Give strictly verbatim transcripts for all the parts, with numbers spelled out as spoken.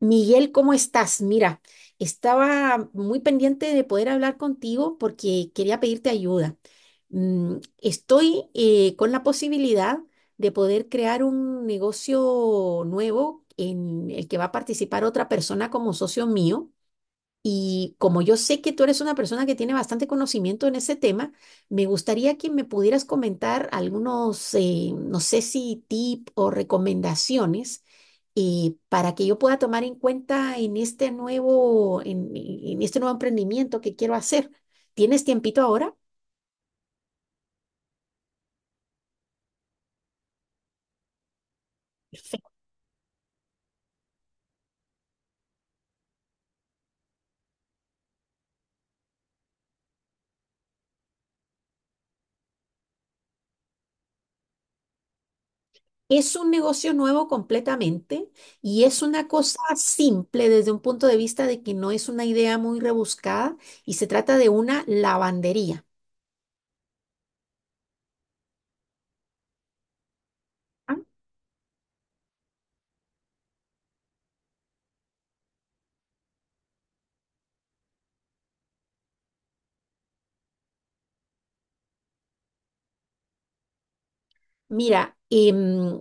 Miguel, ¿cómo estás? Mira, estaba muy pendiente de poder hablar contigo porque quería pedirte ayuda. Mm, Estoy eh, con la posibilidad de poder crear un negocio nuevo en el que va a participar otra persona como socio mío. Y como yo sé que tú eres una persona que tiene bastante conocimiento en ese tema, me gustaría que me pudieras comentar algunos, eh, no sé si tip o recomendaciones y para que yo pueda tomar en cuenta en este nuevo, en, en este nuevo emprendimiento que quiero hacer. ¿Tienes tiempito ahora? Perfecto. Es un negocio nuevo completamente y es una cosa simple desde un punto de vista de que no es una idea muy rebuscada y se trata de una lavandería. Ah. Mira, em,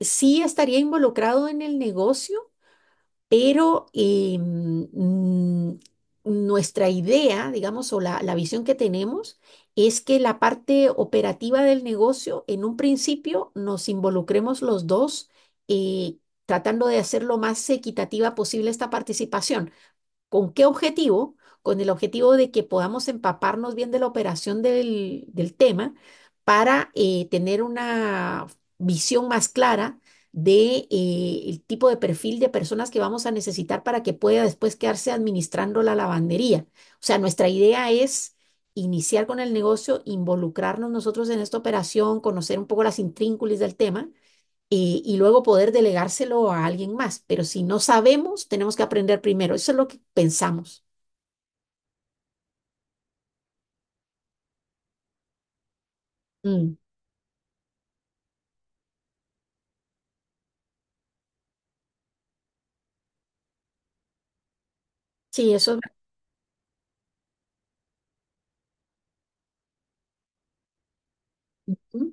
sí estaría involucrado en el negocio, Pero eh, mm, nuestra idea, digamos, o la, la visión que tenemos es que la parte operativa del negocio, en un principio, nos involucremos los dos eh, tratando de hacer lo más equitativa posible esta participación. ¿Con qué objetivo? Con el objetivo de que podamos empaparnos bien de la operación del, del tema para eh, tener una visión más clara de eh, el tipo de perfil de personas que vamos a necesitar para que pueda después quedarse administrando la lavandería. O sea, nuestra idea es iniciar con el negocio, involucrarnos nosotros en esta operación, conocer un poco las intrínculas del tema eh, y luego poder delegárselo a alguien más. Pero si no sabemos, tenemos que aprender primero. Eso es lo que pensamos. Mm, sí, eso es. Mm,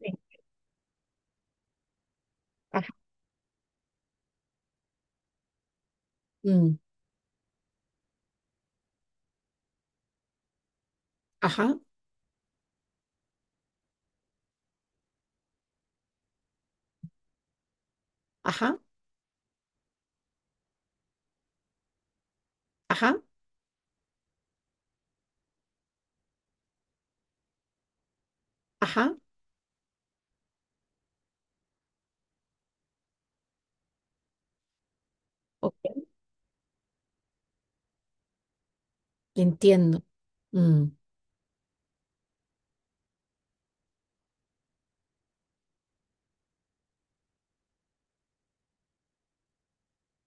sí, ajá. Mm, ajá, ajá, ajá, ajá, ok, entiendo. Mm.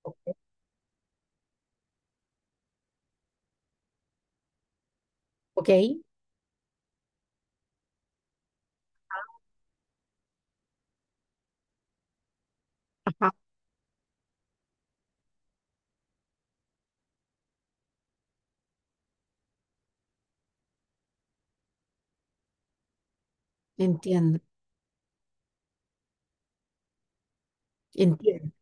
o- Ok, ajá, entiendo. Entiendo.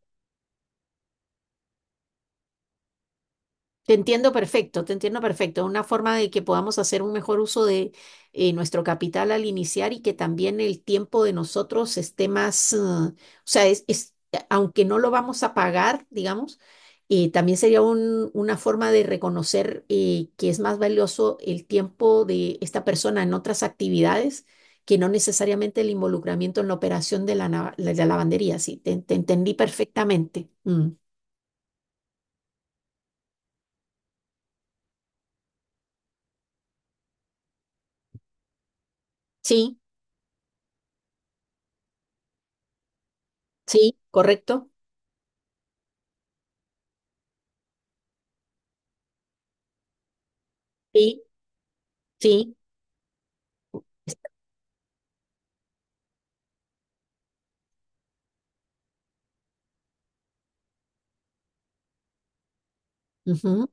Te entiendo perfecto, te entiendo perfecto. Una forma de que podamos hacer un mejor uso de eh, nuestro capital al iniciar y que también el tiempo de nosotros esté más, eh, o sea, es, es- aunque no lo vamos a pagar, digamos, eh, también sería un- una forma de reconocer eh, que es más valioso el tiempo de esta persona en otras actividades que no necesariamente el involucramiento en la operación de la, nava- de la lavandería. Sí, te, te entendí perfectamente. Mm. Sí, sí, correcto. Sí. Sí. Ujú.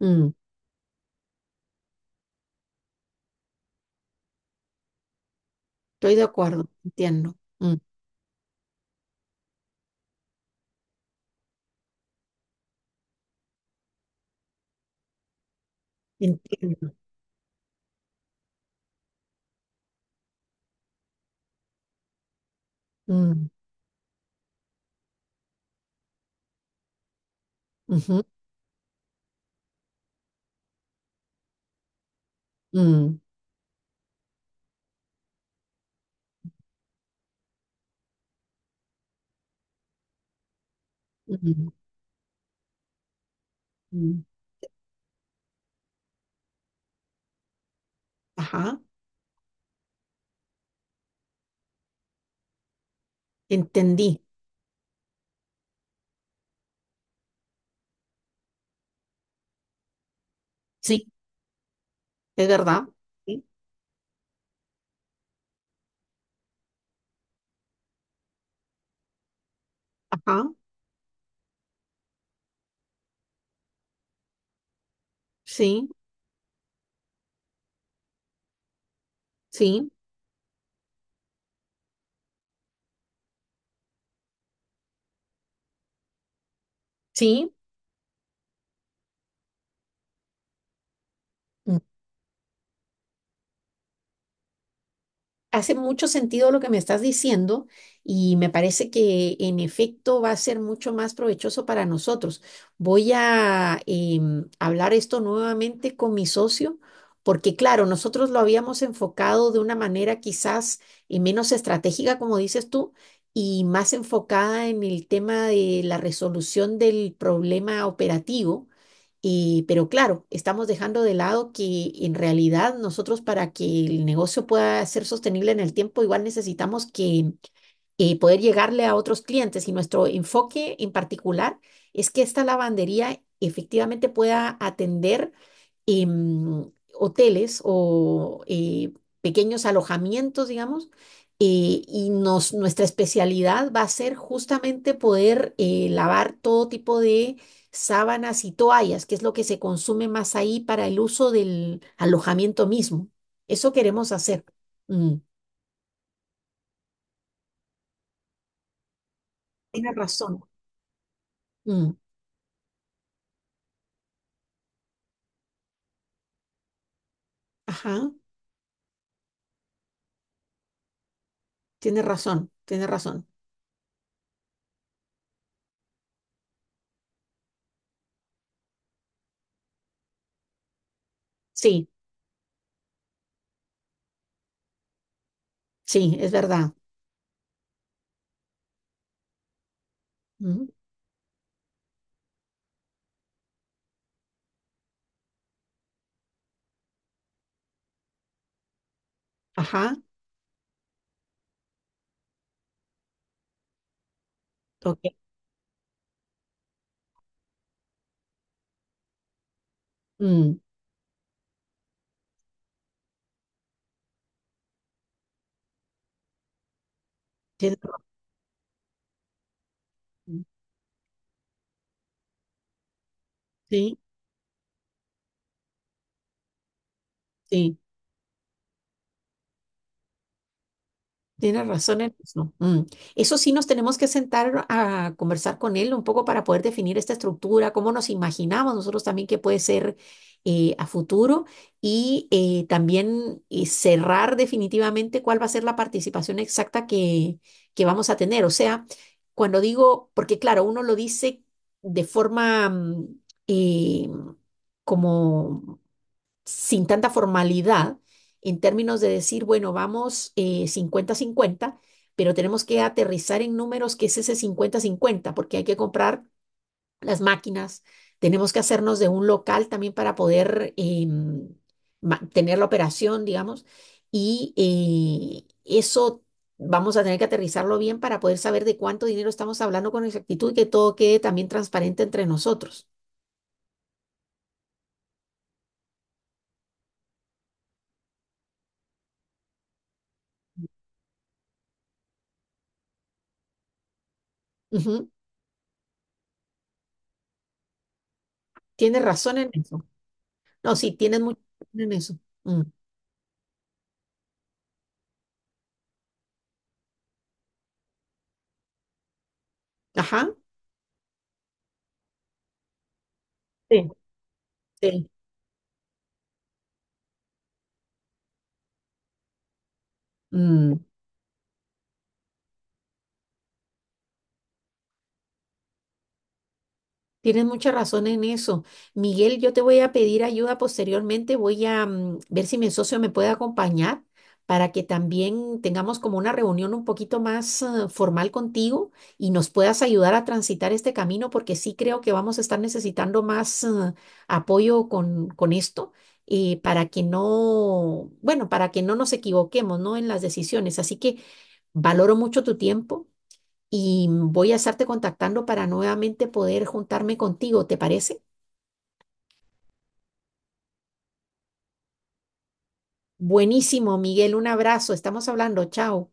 mm, Estoy de acuerdo, entiendo. Mm, entiendo. Mm, ujú, mm, mm, mm, ajá, entendí. Sí, es verdad. Sí, ajá, sí, sí, sí. Hace mucho sentido lo que me estás diciendo y me parece que en efecto va a ser mucho más provechoso para nosotros. Voy a em, hablar esto nuevamente con mi socio porque claro, nosotros lo habíamos enfocado de una manera quizás eh, menos estratégica, como dices tú, y más enfocada en el tema de la resolución del problema operativo. Y, pero claro, estamos dejando de lado que en realidad nosotros para que el negocio pueda ser sostenible en el tiempo, igual necesitamos que y poder llegarle a otros clientes. Y nuestro enfoque en particular es que esta lavandería efectivamente pueda atender em, hoteles o eh, pequeños alojamientos, digamos. Eh, y nos, nuestra especialidad va a ser justamente poder eh, lavar todo tipo de sábanas y toallas, que es lo que se consume más ahí para el uso del alojamiento mismo. Eso queremos hacer. Mm. Tienes razón. Mm. Ajá. Tienes razón, tienes razón. Sí, sí, es verdad. Ujú, ajá, ok. mm, Tienes razón. Sí, sí. Tienes razón en eso. Mm. Eso sí nos tenemos que sentar a conversar con él un poco para poder definir esta estructura, cómo nos imaginamos nosotros también que puede ser eh, a futuro y eh, también eh, cerrar definitivamente cuál va a ser la participación exacta que, que vamos a tener. O sea, cuando digo, porque claro, uno lo dice de forma mm, eh, como sin tanta formalidad en términos de decir, bueno, vamos eh, cincuenta 50, pero tenemos que aterrizar en números que es ese cincuenta-cincuenta, porque hay que comprar las máquinas, tenemos que hacernos de un local también para poder em, tener la operación, digamos, y eh, eso vamos a tener que aterrizarlo bien para poder saber de cuánto dinero estamos hablando con exactitud y que todo quede también transparente entre nosotros. Ujú. Tienes razón en eso. No, sí, tienes mucha razón en eso. Mm. Ajá. Sí. Sí. Mm, Tienes mucha razón en eso. Miguel, yo te voy a pedir ayuda posteriormente. Voy a mm, ver si mi socio me puede acompañar para que también tengamos como una reunión un poquito más eh, formal contigo y nos puedas ayudar a transitar este camino, porque sí creo que vamos a estar necesitando más eh, apoyo con, con esto eh, para que no, bueno, para que no nos equivoquemos, ¿no? En las decisiones. Así que valoro mucho tu tiempo y voy a estarte contactando para nuevamente poder juntarme contigo, ¿te parece? Buenísimo, Miguel, un abrazo, estamos hablando, chao.